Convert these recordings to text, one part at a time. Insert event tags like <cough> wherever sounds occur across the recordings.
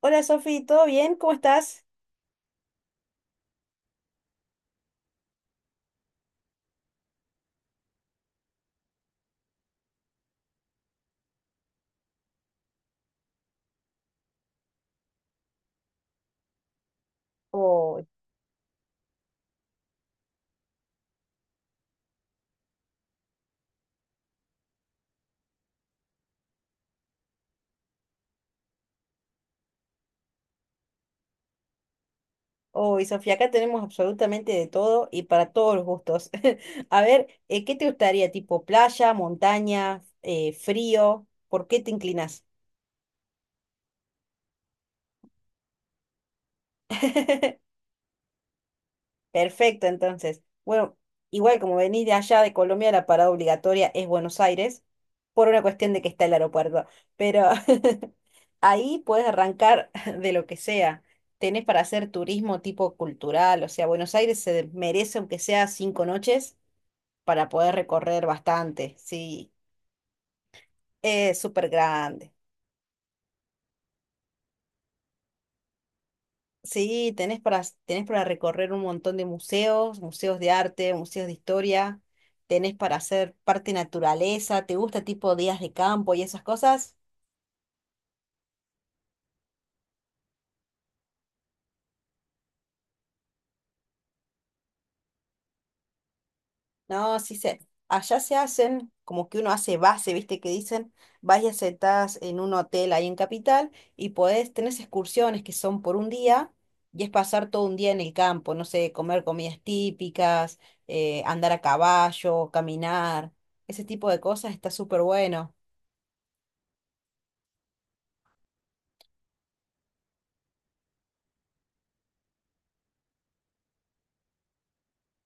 Hola Sofi, ¿todo bien? ¿Cómo estás? Hoy, Sofía, acá tenemos absolutamente de todo y para todos los gustos. <laughs> A ver, ¿qué te gustaría? ¿Tipo playa, montaña, frío? ¿Por qué te inclinas? <laughs> Perfecto, entonces. Bueno, igual como venís de allá de Colombia, la parada obligatoria es Buenos Aires, por una cuestión de que está el aeropuerto. Pero <laughs> ahí puedes arrancar <laughs> de lo que sea. Tenés para hacer turismo tipo cultural, o sea, Buenos Aires se merece aunque sea 5 noches para poder recorrer bastante. Sí, es súper grande. Sí, tenés para recorrer un montón de museos, museos de arte, museos de historia, tenés para hacer parte naturaleza, ¿te gusta tipo días de campo y esas cosas? No, allá se hacen, como que uno hace base, ¿viste? Que dicen, vas y aceptás en un hotel ahí en Capital y tenés excursiones que son por un día y es pasar todo un día en el campo, no sé, comer comidas típicas, andar a caballo, caminar, ese tipo de cosas está súper bueno.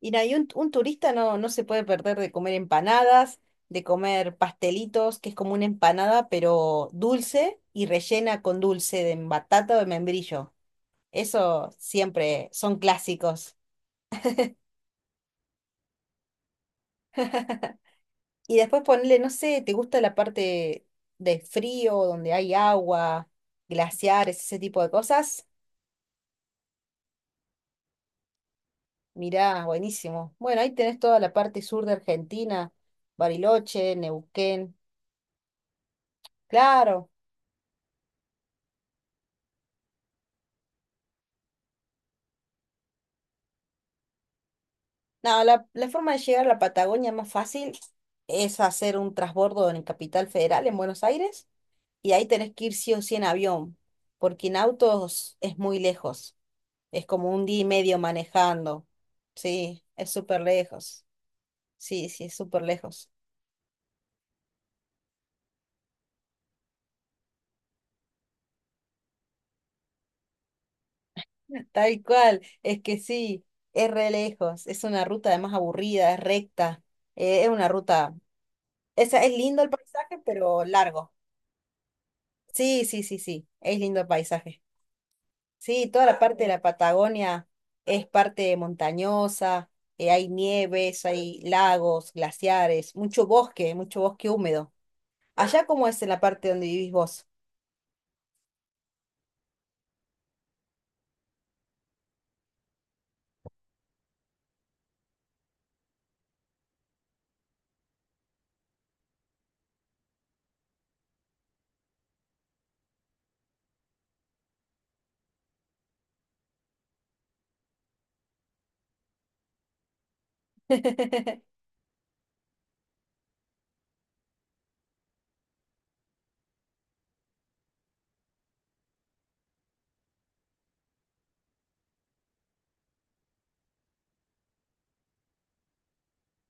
Mira, y un turista no se puede perder de comer empanadas, de comer pastelitos, que es como una empanada, pero dulce y rellena con dulce de batata o de membrillo. Eso siempre son clásicos. Y después ponerle, no sé, ¿te gusta la parte de frío, donde hay agua, glaciares, ese tipo de cosas? Mirá, buenísimo. Bueno, ahí tenés toda la parte sur de Argentina, Bariloche, Neuquén. Claro. No, la forma de llegar a la Patagonia más fácil es hacer un transbordo en Capital Federal, en Buenos Aires, y ahí tenés que ir sí o sí en avión, porque en autos es muy lejos, es como un día y medio manejando, sí, es súper lejos, sí, sí, es súper lejos, <laughs> tal cual, es que sí, es re lejos, es una ruta además aburrida, es recta, es una ruta, es lindo el paisaje, pero largo, sí, sí, sí, sí, es lindo el paisaje. Sí, toda la parte de la Patagonia es parte montañosa, hay nieves, hay lagos, glaciares, mucho bosque húmedo. ¿Allá cómo es en la parte donde vivís vos? <laughs> ¿Qué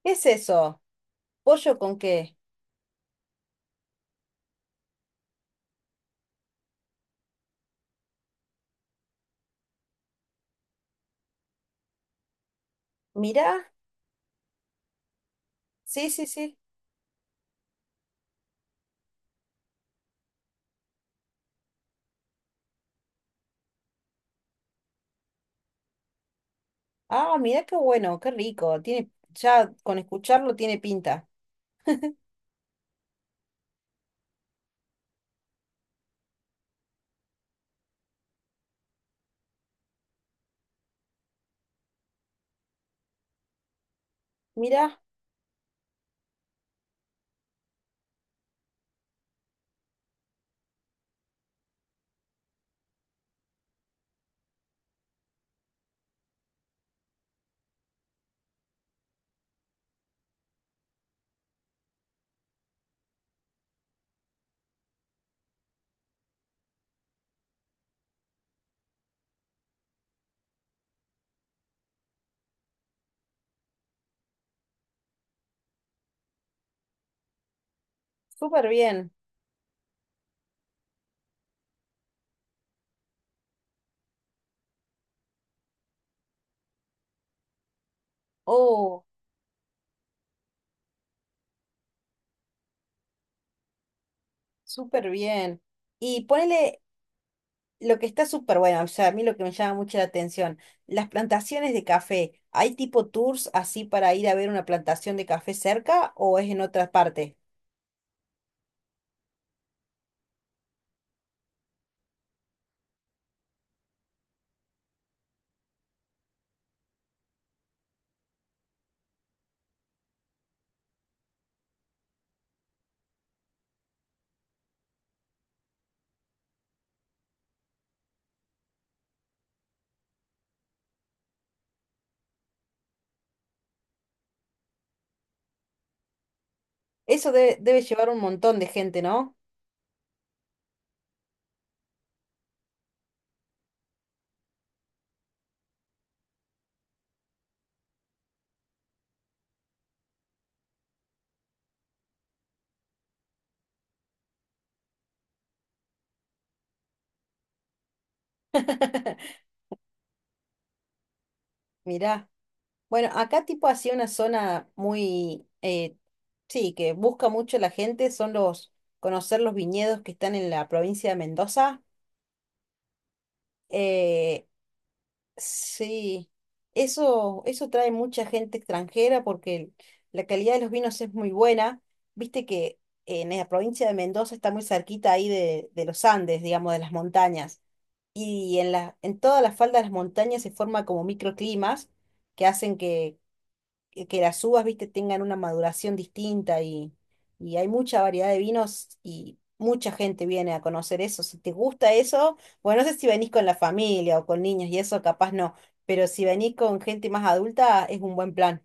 es eso? ¿Pollo con qué? Mirá, sí, sí, sí. Ah, mirá qué bueno, qué rico. Tiene, ya con escucharlo tiene pinta. Mirá, súper bien. Oh, súper bien. Y ponele lo que está súper bueno, o sea, a mí lo que me llama mucho la atención, las plantaciones de café, ¿hay tipo tours así para ir a ver una plantación de café cerca o es en otra parte? Eso debe llevar un montón de gente, ¿no? Mirá. Bueno, acá tipo así una zona muy, sí, que busca mucho la gente, conocer los viñedos que están en la provincia de Mendoza. eh Sí, eso trae mucha gente extranjera porque la calidad de los vinos es muy buena. Viste que en la provincia de Mendoza está muy cerquita ahí de los Andes, digamos, de las montañas. Y en toda la falda de las montañas se forma como microclimas que hacen que las uvas, viste, tengan una maduración distinta y hay mucha variedad de vinos y mucha gente viene a conocer eso. Si te gusta eso, bueno, no sé si venís con la familia o con niños y eso, capaz no, pero si venís con gente más adulta, es un buen plan.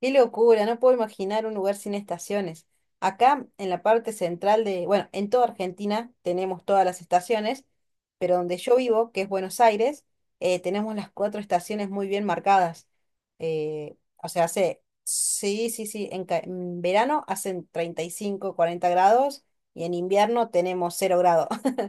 Qué locura, no puedo imaginar un lugar sin estaciones. Acá en la parte central de, bueno, en toda Argentina tenemos todas las estaciones, pero donde yo vivo, que es Buenos Aires, tenemos las cuatro estaciones muy bien marcadas. O sea, sí, sí, sí, en verano hacen 35 40 grados y en invierno tenemos 0 grados. <laughs>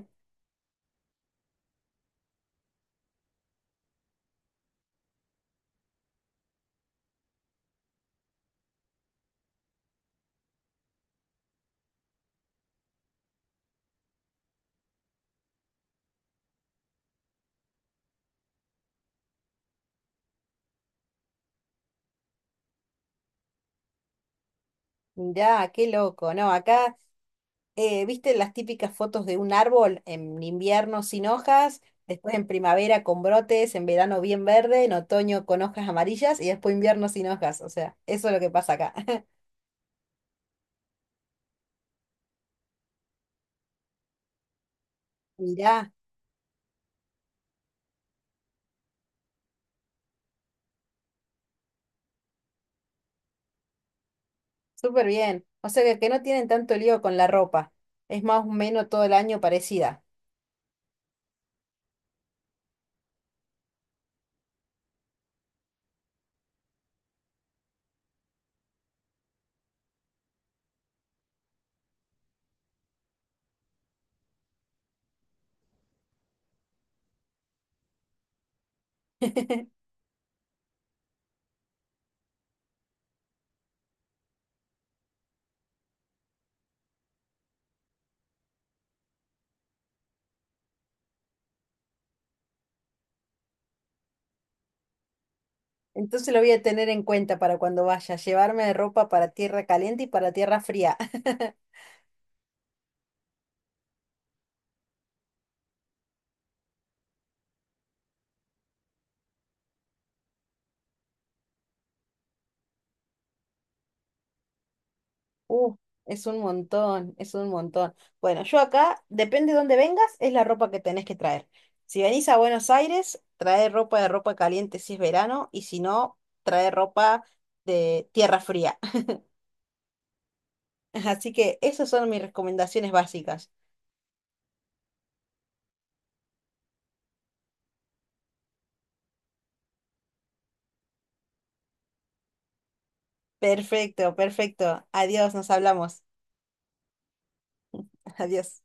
Mirá, qué loco, ¿no? Acá ¿viste las típicas fotos de un árbol en invierno sin hojas, después en primavera con brotes, en verano bien verde, en otoño con hojas amarillas y después invierno sin hojas? O sea, eso es lo que pasa acá. <laughs> Mirá, súper bien. O sea que no tienen tanto lío con la ropa. Es más o menos todo el año parecida. <laughs> Entonces lo voy a tener en cuenta para cuando vaya, llevarme ropa para tierra caliente y para tierra fría. <laughs> Uh, es un montón, es un montón. Bueno, yo acá, depende de dónde vengas, es la ropa que tenés que traer. Si venís a Buenos Aires, trae ropa de ropa caliente si es verano, y si no, trae ropa de tierra fría. <laughs> Así que esas son mis recomendaciones básicas. Perfecto, perfecto. Adiós, nos hablamos. <laughs> Adiós.